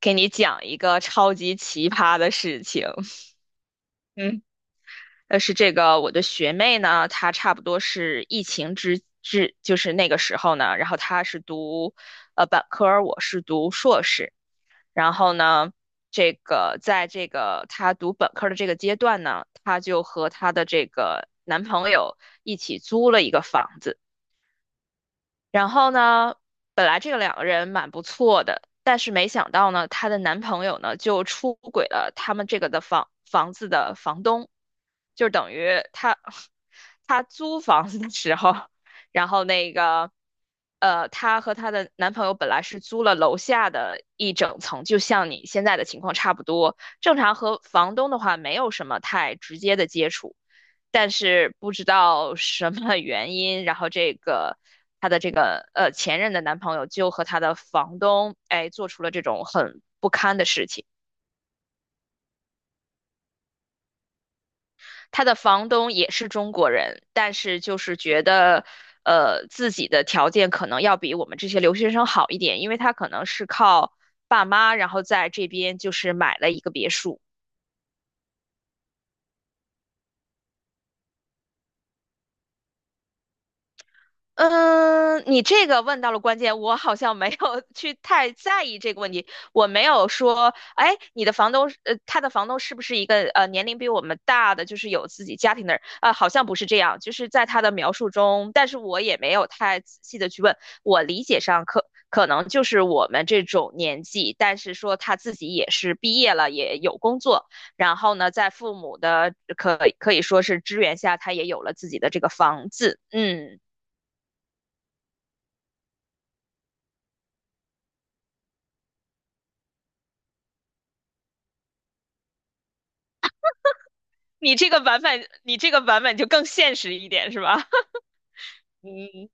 给你讲一个超级奇葩的事情。嗯，但是这个我的学妹呢，她差不多是疫情，就是那个时候呢，然后她是读本科，我是读硕士，然后呢。这个在这个她读本科的这个阶段呢，她就和她的这个男朋友一起租了一个房子。然后呢，本来这个两个人蛮不错的，但是没想到呢，她的男朋友呢就出轨了他们这个的房子的房东，就等于她 她租房子的时候，然后那个，她和她的男朋友本来是租了楼下的一整层，就像你现在的情况差不多。正常和房东的话没有什么太直接的接触，但是不知道什么原因，然后这个她的这个前任的男朋友就和她的房东哎做出了这种很不堪的事情。她的房东也是中国人，但是就是觉得自己的条件可能要比我们这些留学生好一点，因为他可能是靠爸妈，然后在这边就是买了一个别墅。嗯，你这个问到了关键，我好像没有 去太在意这个问题。我没有说，哎，你的房东是，他的房东是不是一个年龄比我们大的，就是有自己家庭的人？啊、好像不是这样，就是在他的描述中，但是我也没有太仔细的去问。我理解上可能就是我们这种年纪，但是说他自己也是毕业了，也有工作，然后呢，在父母的可以说是支援下，他也有了自己的这个房子，嗯。你这个版本，你这个版本就更现实一点，是吧？嗯，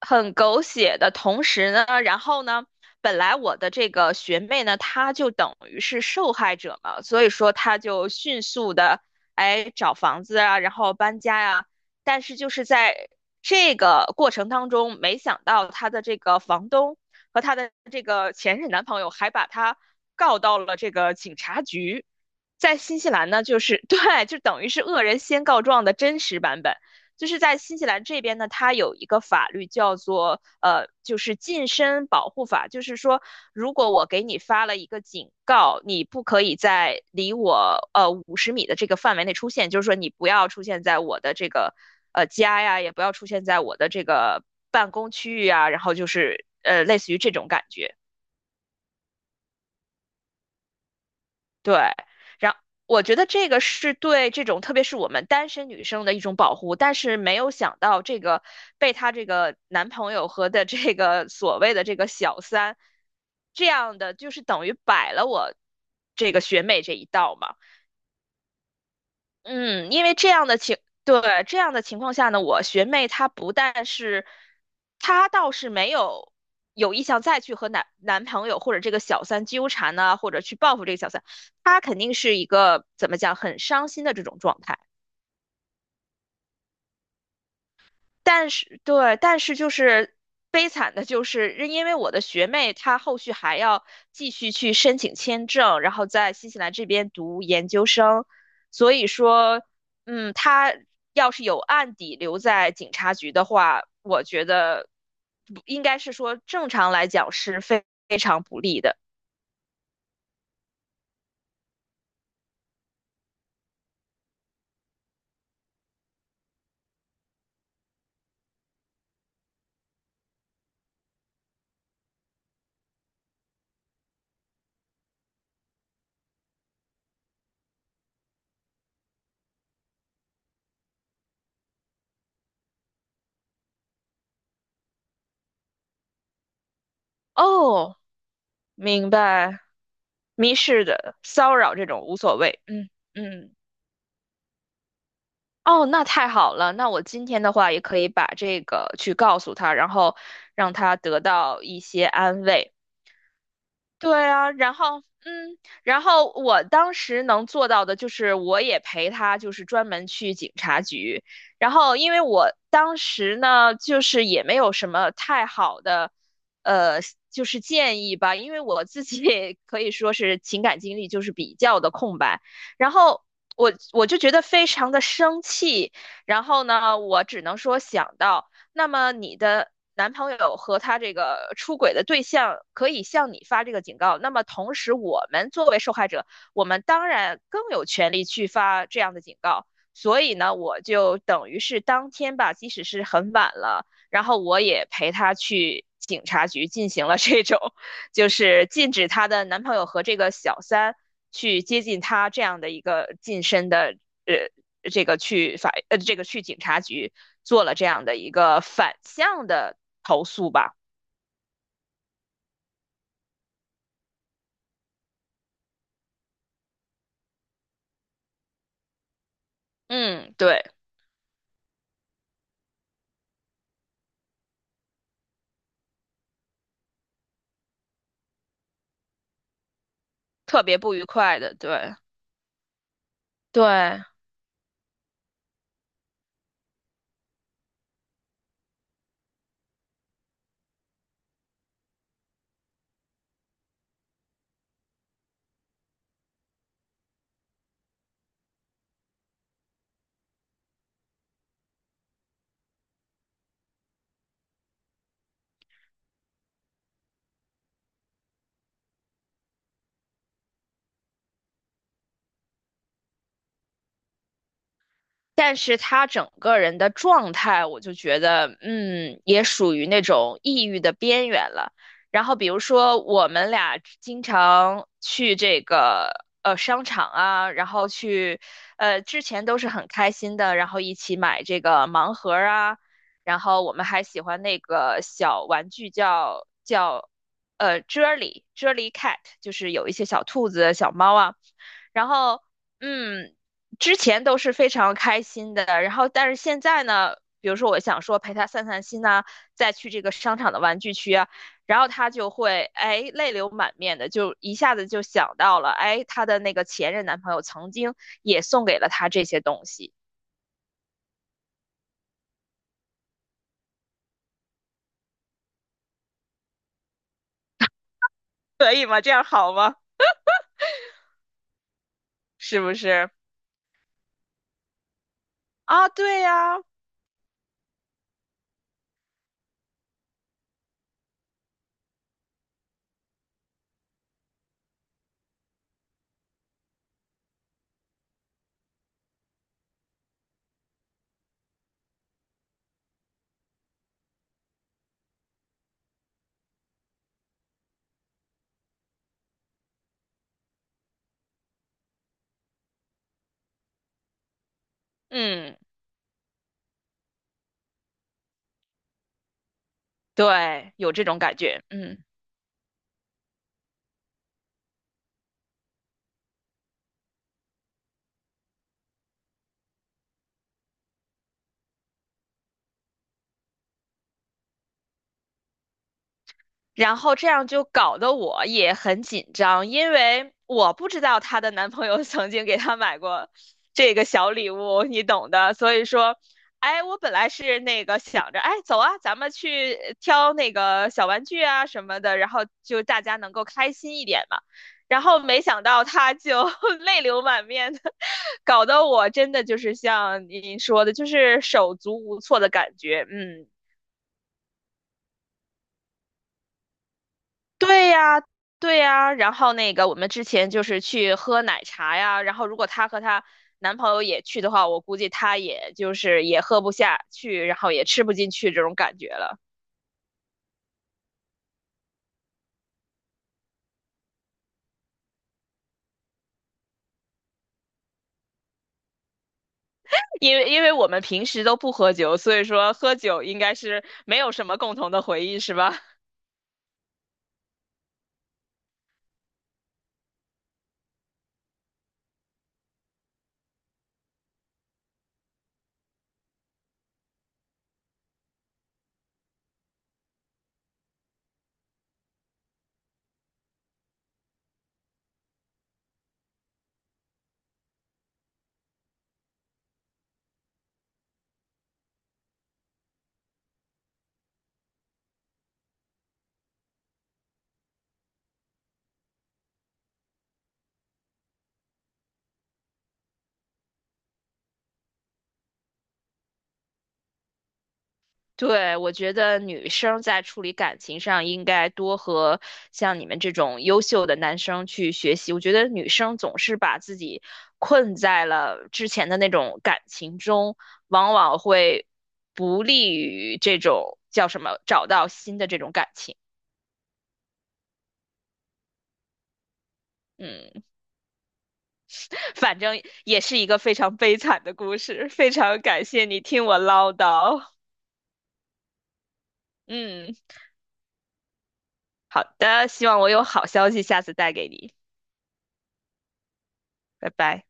很狗血的同时呢，然后呢，本来我的这个学妹呢，她就等于是受害者嘛，所以说她就迅速的哎找房子啊，然后搬家呀、但是就是在这个过程当中，没想到她的这个房东和她的这个前任男朋友还把她告到了这个警察局。在新西兰呢，就是 对，就等于是恶人先告状的真实版本。就是在新西兰这边呢，它有一个法律叫做，就是近身保护法，就是说，如果我给你发了一个警告，你不可以在离我50米的这个范围内出现，就是说你不要出现在我的这个家呀，也不要出现在我的这个办公区域啊，然后就是类似于这种感觉。对，然我觉得这个是对这种特别是我们单身女生的一种保护，但是没有想到这个被她这个男朋友和的这个所谓的这个小三，这样的就是等于摆了我这个学妹这一道嘛。嗯，因为这样的情，对，这样的情况下呢，我学妹她不但是，她倒是没有有意向再去和男朋友或者这个小三纠缠呢、或者去报复这个小三，她肯定是一个怎么讲很伤心的这种状态。但是对，但是就是悲惨的就是，因为我的学妹她后续还要继续去申请签证，然后在新西兰这边读研究生，所以说，嗯，她要是有案底留在警察局的话，我觉得不应该是说正常来讲是非常不利的。哦，明白，民事的骚扰这种无所谓，嗯嗯。哦，那太好了。那我今天的话也可以把这个去告诉他，然后让他得到一些安慰。对啊，然后嗯，然后我当时能做到的就是，我也陪他，就是专门去警察局。然后因为我当时呢，就是也没有什么太好的，呃，就是建议吧，因为我自己也可以说是情感经历就是比较的空白。然后我就觉得非常的生气，然后呢，我只能说想到。那么你的男朋友和他这个出轨的对象可以向你发这个警告，那么同时我们作为受害者，我们当然更有权利去发这样的警告。所以呢，我就等于是当天吧，即使是很晚了，然后我也陪他去警察局进行了这种就是禁止她的男朋友和这个小三去接近她这样的一个近身的呃这个去法呃这个去警察局做了这样的一个反向的投诉吧。嗯，对，特别不愉快的，对对。但是他整个人的状态，我就觉得，也属于那种抑郁的边缘了。然后比如说，我们俩经常去这个商场啊，然后去之前都是很开心的，然后一起买这个盲盒儿啊，然后我们还喜欢那个小玩具叫 Jelly Jelly Cat,就是有一些小兔子、小猫啊。然后，嗯，之前都是非常开心的，然后但是现在呢，比如说我想说陪他散散心呐、再去这个商场的玩具区啊，然后他就会哎泪流满面的，就一下子就想到了，哎，他的那个前任男朋友曾经也送给了他这些东西，可以吗？这样好吗？是不是？啊，对呀，嗯，对，有这种感觉，嗯。然后这样就搞得我也很紧张，因为我不知道她的男朋友 曾经给她买过这个小礼物，你懂的。所以说，哎，我本来是那个想着，哎，走啊，咱们去挑那个小玩具啊什么的，然后就大家能够开心一点嘛。然后没想到她就 泪流满面的，搞得我真的就是像您说的，就是手足无措的感觉。嗯，对呀，对呀，然后那个我们之前就是去喝奶茶呀，然后如果她和她男朋友也去的话，我估计她也就是也喝不下去，然后也吃不进去这种感觉了。因为我们平时都不喝酒，所以说喝酒应该是没有什么共同的回忆，是吧？对，我觉得女生在处理感情上应该多和像你们这种优秀的男生去学习。我觉得女生总是把自己困在了之前的那种感情中，往往会不利于这种叫什么找到新的这种感情。嗯，反正也是一个非常悲惨的故事。非常感谢你听我唠叨。嗯，好的，希望我有好消息下次带给你。拜拜。